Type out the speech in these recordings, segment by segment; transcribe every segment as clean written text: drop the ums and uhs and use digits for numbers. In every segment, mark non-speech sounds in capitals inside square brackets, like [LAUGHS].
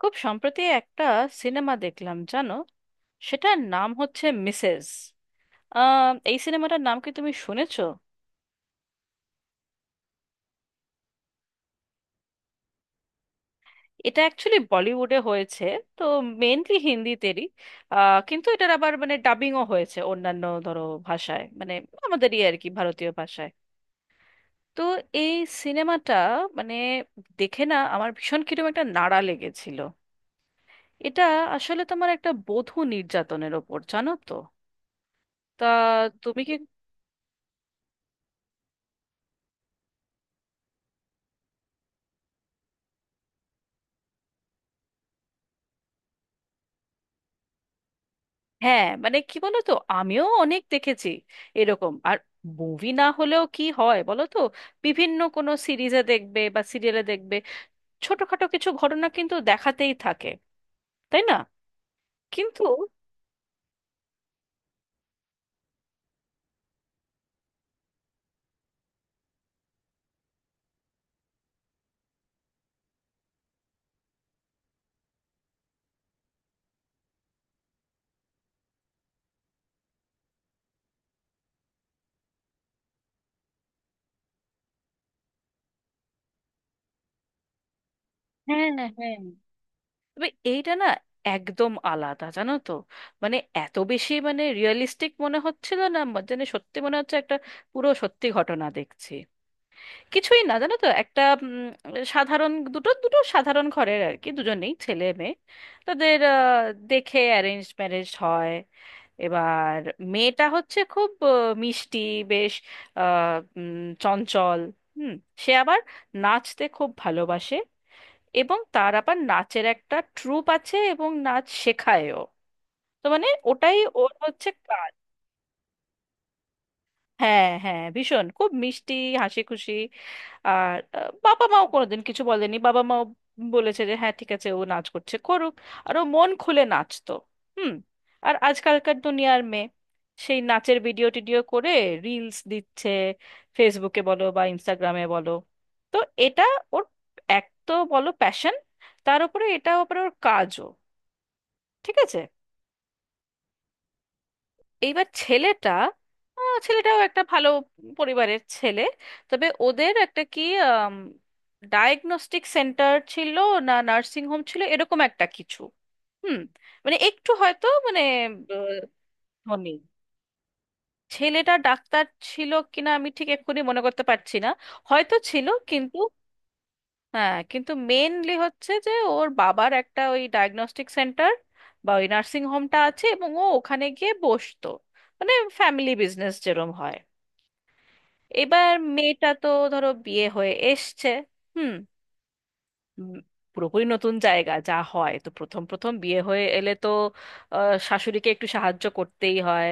খুব সম্প্রতি একটা সিনেমা দেখলাম জানো, সেটার নাম হচ্ছে মিসেস। এই সিনেমাটার নাম কি তুমি শুনেছো? এটা অ্যাকচুয়ালি বলিউডে হয়েছে, তো মেনলি হিন্দিতেরই। কিন্তু এটার আবার মানে ডাবিংও হয়েছে অন্যান্য ধরো ভাষায়, মানে আমাদেরই আর কি ভারতীয় ভাষায়। তো এই সিনেমাটা মানে দেখে না, আমার ভীষণ কিরকম একটা নাড়া লেগেছিল। এটা আসলে তোমার একটা বধূ নির্যাতনের ওপর, জানো তো। তা তুমি কি, হ্যাঁ মানে কি বলো তো, আমিও অনেক দেখেছি এরকম। আর মুভি না হলেও কি হয় বলো তো, বিভিন্ন কোনো সিরিজে দেখবে বা সিরিয়ালে দেখবে, ছোটখাটো কিছু ঘটনা কিন্তু দেখাতেই থাকে, তাই না? কিন্তু হ্যাঁ, হ্যাঁ, তবে এইটা না একদম আলাদা, জানো তো। মানে এত বেশি মানে রিয়েলিস্টিক মনে হচ্ছিল, না মানে যেন সত্যি মনে হচ্ছে একটা পুরো সত্যি ঘটনা দেখছি। কিছুই না, জানো তো, একটা সাধারণ দুটো দুটো সাধারণ ঘরের আর কি, দুজনেই ছেলে মেয়ে। তাদের দেখে অ্যারেঞ্জ ম্যারেজ হয়। এবার মেয়েটা হচ্ছে খুব মিষ্টি, বেশ আহ, উম, চঞ্চল। হুম। সে আবার নাচতে খুব ভালোবাসে, এবং তার আবার নাচের একটা ট্রুপ আছে এবং নাচ শেখায়ও। তো মানে ওটাই ওর হচ্ছে। হ্যাঁ হ্যাঁ, ভীষণ খুব মিষ্টি, হাসি খুশি। আর বাবা মাও কোনোদিন কিছু বলেনি, বাবা মাও বলেছে যে হ্যাঁ ঠিক আছে ও নাচ করছে করুক। আর ও মন খুলে নাচতো। হুম। আর আজকালকার দুনিয়ার মেয়ে, সেই নাচের ভিডিও টিডিও করে রিলস দিচ্ছে, ফেসবুকে বলো বা ইনস্টাগ্রামে বলো। তো এটা ওর এক তো বলো প্যাশন, তার উপরে এটা উপরে ওর কাজও। ঠিক আছে, এইবার ছেলেটা ছেলেটাও একটা ভালো পরিবারের ছেলে। তবে ওদের একটা কি ডায়াগনস্টিক সেন্টার ছিল, না নার্সিং হোম ছিল এরকম একটা কিছু। হুম। মানে একটু হয়তো মানে আহ, ধনী। ছেলেটা ডাক্তার ছিল কিনা আমি ঠিক এক্ষুনি মনে করতে পারছি না, হয়তো ছিল কিন্তু। হ্যাঁ কিন্তু মেনলি হচ্ছে যে ওর বাবার একটা ওই ডায়াগনস্টিক সেন্টার বা ওই নার্সিং হোমটা আছে, এবং ও ওখানে গিয়ে বসতো মানে ফ্যামিলি বিজনেস যেরম হয়। এবার মেয়েটা তো ধরো বিয়ে হয়ে এসছে। হুম। উম, পুরোপুরি নতুন জায়গা, যা হয় তো প্রথম প্রথম বিয়ে হয়ে এলে তো শাশুড়িকে একটু সাহায্য করতেই হয়,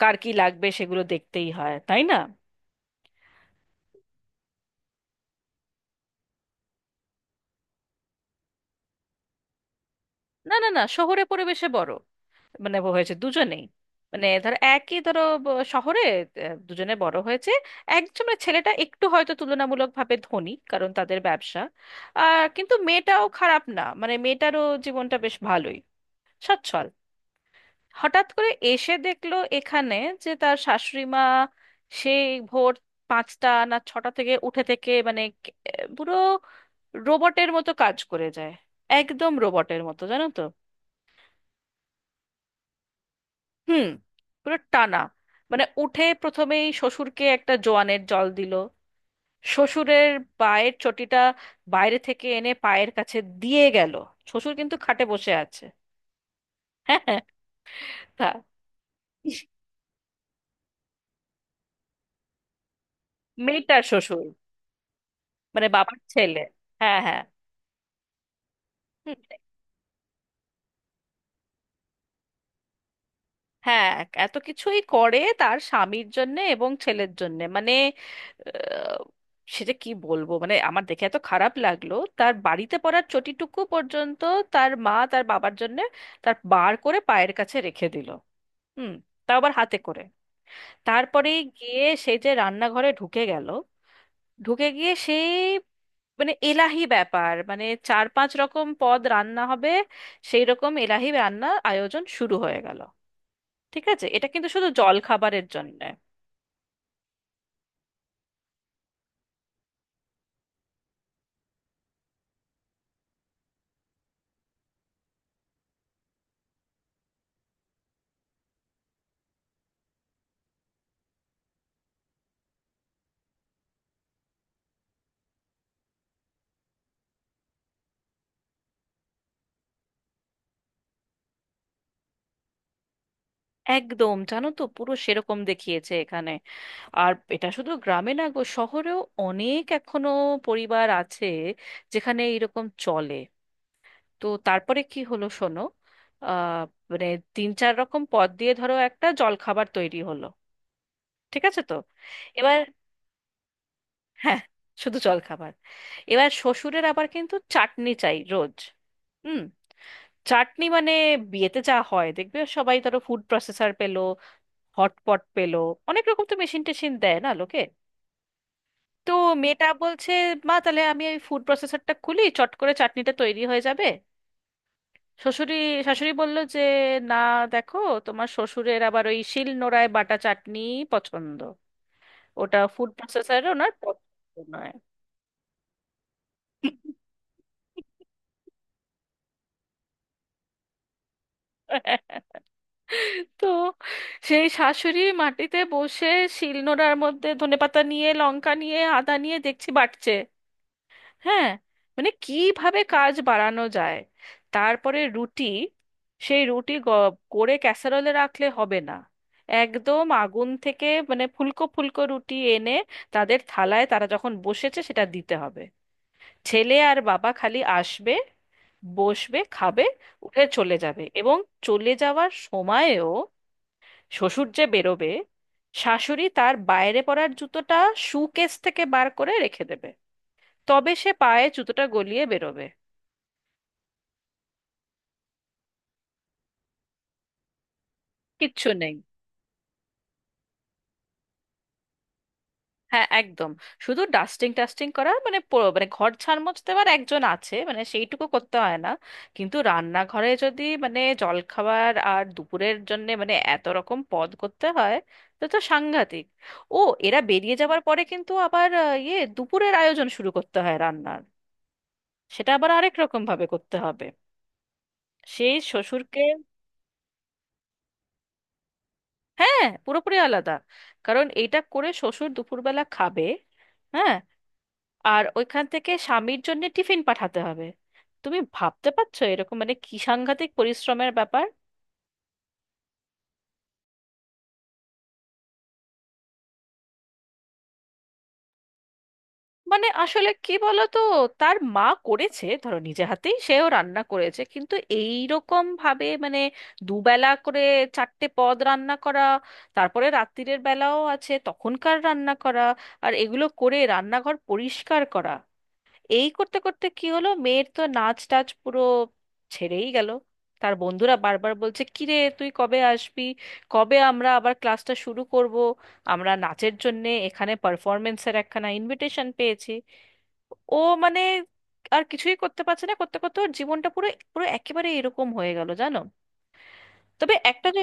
কার কি লাগবে সেগুলো দেখতেই হয়, তাই না? না না না, শহরে পরিবেশে বড় মানে হয়েছে দুজনেই। মানে ধরো একই ধরো শহরে দুজনে বড় হয়েছে। একজন মানে ছেলেটা একটু হয়তো তুলনামূলকভাবে ধনী, কারণ তাদের ব্যবসা। আর কিন্তু মেয়েটাও খারাপ না, মানে মেয়েটারও জীবনটা বেশ ভালোই, সচ্ছল। হঠাৎ করে এসে দেখলো এখানে, যে তার শাশুড়ি মা সেই ভোর 5টা না 6টা থেকে উঠে থেকে মানে পুরো রোবটের মতো কাজ করে যায়। একদম রোবটের মতো, জানো তো। হুম। পুরো টানা মানে উঠে প্রথমেই শ্বশুরকে একটা জোয়ানের জল দিল, শ্বশুরের পায়ের চটিটা বাইরে থেকে এনে পায়ের কাছে দিয়ে গেল। শ্বশুর কিন্তু খাটে বসে আছে। হ্যাঁ হ্যাঁ। তা- মেয়েটার শ্বশুর মানে বাবার ছেলে। হ্যাঁ হ্যাঁ। হুম। হ্যাঁ এত কিছুই করে তার স্বামীর জন্যে এবং ছেলের জন্যে মানে আহ, সেটা কি বলবো, মানে আমার দেখে এত খারাপ লাগলো, তার বাড়িতে পড়ার চটিটুকু পর্যন্ত তার মা তার বাবার জন্যে তার বার করে পায়ের কাছে রেখে দিল। হুম। তাও আবার হাতে করে। তারপরে গিয়ে সে যে রান্নাঘরে ঢুকে গেল, ঢুকে গিয়ে সেই মানে এলাহি ব্যাপার, মানে চার পাঁচ রকম পদ রান্না হবে, সেই রকম এলাহি রান্না আয়োজন শুরু হয়ে গেল। ঠিক আছে, এটা কিন্তু শুধু জল খাবারের জন্য। একদম জানো তো পুরো সেরকম দেখিয়েছে এখানে। আর এটা শুধু গ্রামে না গো, শহরেও অনেক এখনো পরিবার আছে যেখানে এরকম চলে। তো তারপরে কি হলো শোনো, আহ মানে তিন চার রকম পদ দিয়ে ধরো একটা জলখাবার তৈরি হলো। ঠিক আছে তো এবার, হ্যাঁ শুধু জলখাবার। এবার শ্বশুরের আবার কিন্তু চাটনি চাই রোজ। হুম। চাটনি মানে বিয়েতে যা হয় দেখবে সবাই ধরো ফুড প্রসেসর পেলো, হটপট পেলো, অনেক রকম তো মেশিন টেশিন দেয় না লোকে। তো মেয়েটা বলছে, মা তাহলে আমি ওই ফুড প্রসেসরটা খুলি, চট করে চাটনিটা তৈরি হয়ে যাবে। শ্বশুরি শাশুড়ি বলল যে না দেখো, তোমার শ্বশুরের আবার ওই শিল নোড়ায় বাটা চাটনি পছন্দ, ওটা ফুড প্রসেসরে ওনার পছন্দ নয়। [LAUGHS] তো সেই শাশুড়ি মাটিতে বসে শিলনোড়ার মধ্যে ধনেপাতা নিয়ে, লঙ্কা নিয়ে, আদা নিয়ে দেখছি বাটছে। হ্যাঁ মানে কিভাবে কাজ বাড়ানো যায়। তারপরে রুটি, সেই রুটি করে ক্যাসারোলে রাখলে হবে না, একদম আগুন থেকে মানে ফুলকো ফুলকো রুটি এনে তাদের থালায় তারা যখন বসেছে সেটা দিতে হবে। ছেলে আর বাবা খালি আসবে, বসবে, খাবে, উঠে চলে যাবে। এবং চলে যাওয়ার সময়েও, শ্বশুর যে বেরোবে, শাশুড়ি তার বাইরে পরার জুতোটা শু কেস থেকে বার করে রেখে দেবে, তবে সে পায়ে জুতোটা গলিয়ে বেরোবে। কিচ্ছু নেই। হ্যাঁ একদম, শুধু ডাস্টিং টাস্টিং করা মানে মানে ঘর ঝাড়মোছ দেওয়ার একজন আছে, মানে সেইটুকু করতে হয় না, কিন্তু রান্নাঘরে যদি মানে জলখাবার আর দুপুরের জন্য মানে এত রকম পদ করতে হয় তো তো সাংঘাতিক। ও, এরা বেরিয়ে যাবার পরে কিন্তু আবার ইয়ে দুপুরের আয়োজন শুরু করতে হয় রান্নার, সেটা আবার আরেক রকম ভাবে করতে হবে। সেই শ্বশুরকে, হ্যাঁ পুরোপুরি আলাদা, কারণ এইটা করে শ্বশুর দুপুরবেলা খাবে। হ্যাঁ আর ওইখান থেকে স্বামীর জন্য টিফিন পাঠাতে হবে। তুমি ভাবতে পারছো এরকম মানে কি সাংঘাতিক পরিশ্রমের ব্যাপার। মানে আসলে কি বলতো, তার মা করেছে ধরো নিজে হাতেই, সেও রান্না করেছে কিন্তু এই রকম ভাবে মানে দুবেলা করে চারটে পদ রান্না করা, তারপরে রাত্তিরের বেলাও আছে তখনকার রান্না করা, আর এগুলো করে রান্নাঘর পরিষ্কার করা। এই করতে করতে কি হলো, মেয়ের তো নাচ টাচ পুরো ছেড়েই গেল। তার বন্ধুরা বারবার বলছে কিরে তুই কবে আসবি, কবে আমরা আবার ক্লাসটা শুরু করব, আমরা নাচের জন্যে এখানে পারফরমেন্সের একখানা ইনভিটেশন পেয়েছি। ও মানে আর কিছুই করতে পারছে না, করতে করতে ওর জীবনটা পুরো পুরো একেবারে এরকম হয়ে গেল জানো। তবে একটা যে,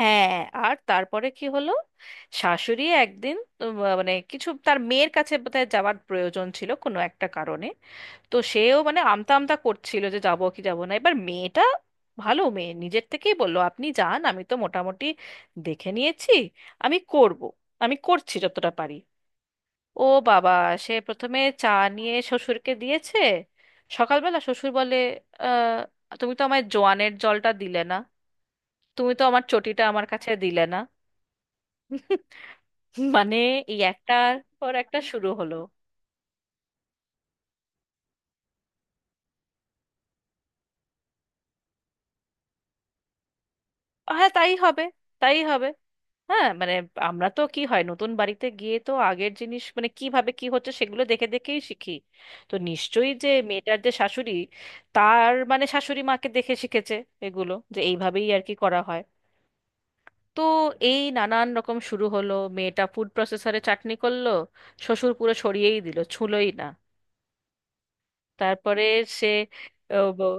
হ্যাঁ আর তারপরে কি হলো, শাশুড়ি একদিন উম, মানে কিছু তার মেয়ের কাছে বোধহয় যাওয়ার প্রয়োজন ছিল কোনো একটা কারণে। তো সেও মানে আমতা আমতা করছিল যে যাবো কি যাবো না, এবার মেয়েটা ভালো মেয়ে নিজের থেকেই বললো আপনি যান আমি তো মোটামুটি দেখে নিয়েছি, আমি করব, আমি করছি যতটা পারি। ও বাবা, সে প্রথমে চা নিয়ে শ্বশুরকে দিয়েছে। সকালবেলা শ্বশুর বলে, আহ তুমি তো আমায় জোয়ানের জলটা দিলে না, তুমি তো আমার চটিটা আমার কাছে দিলে না। [LAUGHS] মানে এই একটার পর একটা শুরু হলো। হ্যাঁ তাই হবে, তাই হবে। হ্যাঁ মানে আমরা তো কি হয়, নতুন বাড়িতে গিয়ে তো আগের জিনিস মানে কিভাবে কি হচ্ছে সেগুলো দেখে দেখেই শিখি। তো নিশ্চয়ই যে মেয়েটার যে শাশুড়ি, তার মানে শাশুড়ি মাকে দেখে শিখেছে এগুলো যে এইভাবেই আর কি করা হয়। তো এই নানান রকম শুরু হলো, মেয়েটা ফুড প্রসেসরে চাটনি করলো, শ্বশুর পুরো সরিয়েই দিল, ছুঁলোই না। তারপরে সে, ও, ব-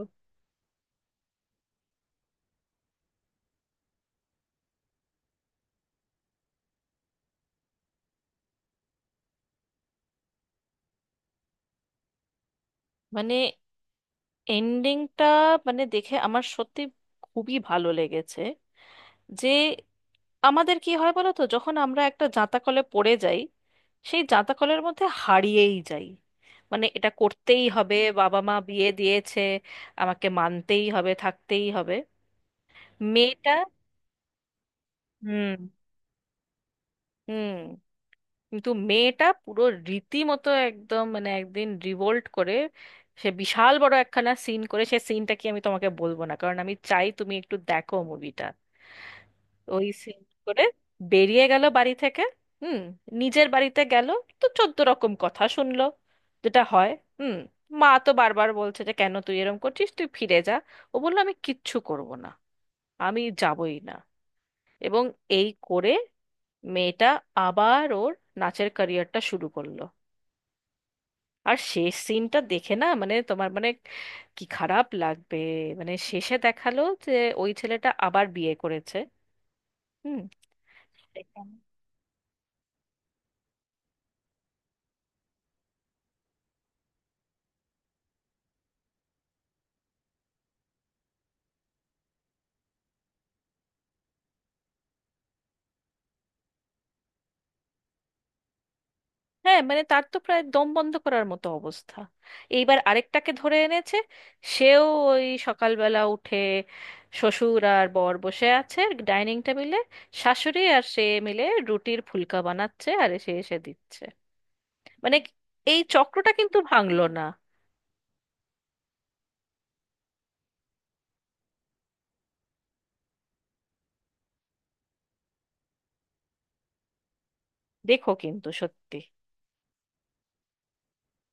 মানে এন্ডিংটা মানে দেখে আমার সত্যি খুবই ভালো লেগেছে। যে আমাদের কি হয় বলো তো, যখন আমরা একটা জাঁতা কলে পড়ে যাই, সেই জাঁতা কলের মধ্যে হারিয়েই যাই। মানে এটা করতেই হবে, বাবা মা বিয়ে দিয়েছে, আমাকে মানতেই হবে, থাকতেই হবে। মেয়েটা, হুম হুম, কিন্তু মেয়েটা পুরো রীতিমতো একদম মানে একদিন রিভোল্ট করে। সে বিশাল বড় একখানা সিন করে, সে সিনটা কি আমি তোমাকে বলবো না, কারণ আমি চাই তুমি একটু দেখো মুভিটা। ওই সিন করে বেরিয়ে গেল বাড়ি থেকে। হুম। নিজের বাড়িতে গেল, তো চোদ্দ রকম কথা শুনলো, যেটা হয়। হুম। মা তো বারবার বলছে যে কেন তুই এরম করছিস, তুই ফিরে যা। ও বললো আমি কিচ্ছু করব না, আমি যাবই না। এবং এই করে মেয়েটা আবার ওর নাচের ক্যারিয়ারটা শুরু করলো। আর শেষ সিনটা দেখে না মানে তোমার মানে কি খারাপ লাগবে, মানে শেষে দেখালো যে ওই ছেলেটা আবার বিয়ে করেছে। হুম। হ্যাঁ মানে তার তো প্রায় দম বন্ধ করার মতো অবস্থা। এইবার আরেকটাকে ধরে এনেছে, সেও ওই সকালবেলা উঠে, শ্বশুর আর বর বসে আছে ডাইনিং টেবিলে, শাশুড়ি আর সে মিলে রুটির ফুলকা বানাচ্ছে আর এসে এসে দিচ্ছে। মানে এই চক্রটা কিন্তু ভাঙলো না। দেখো কিন্তু সত্যি।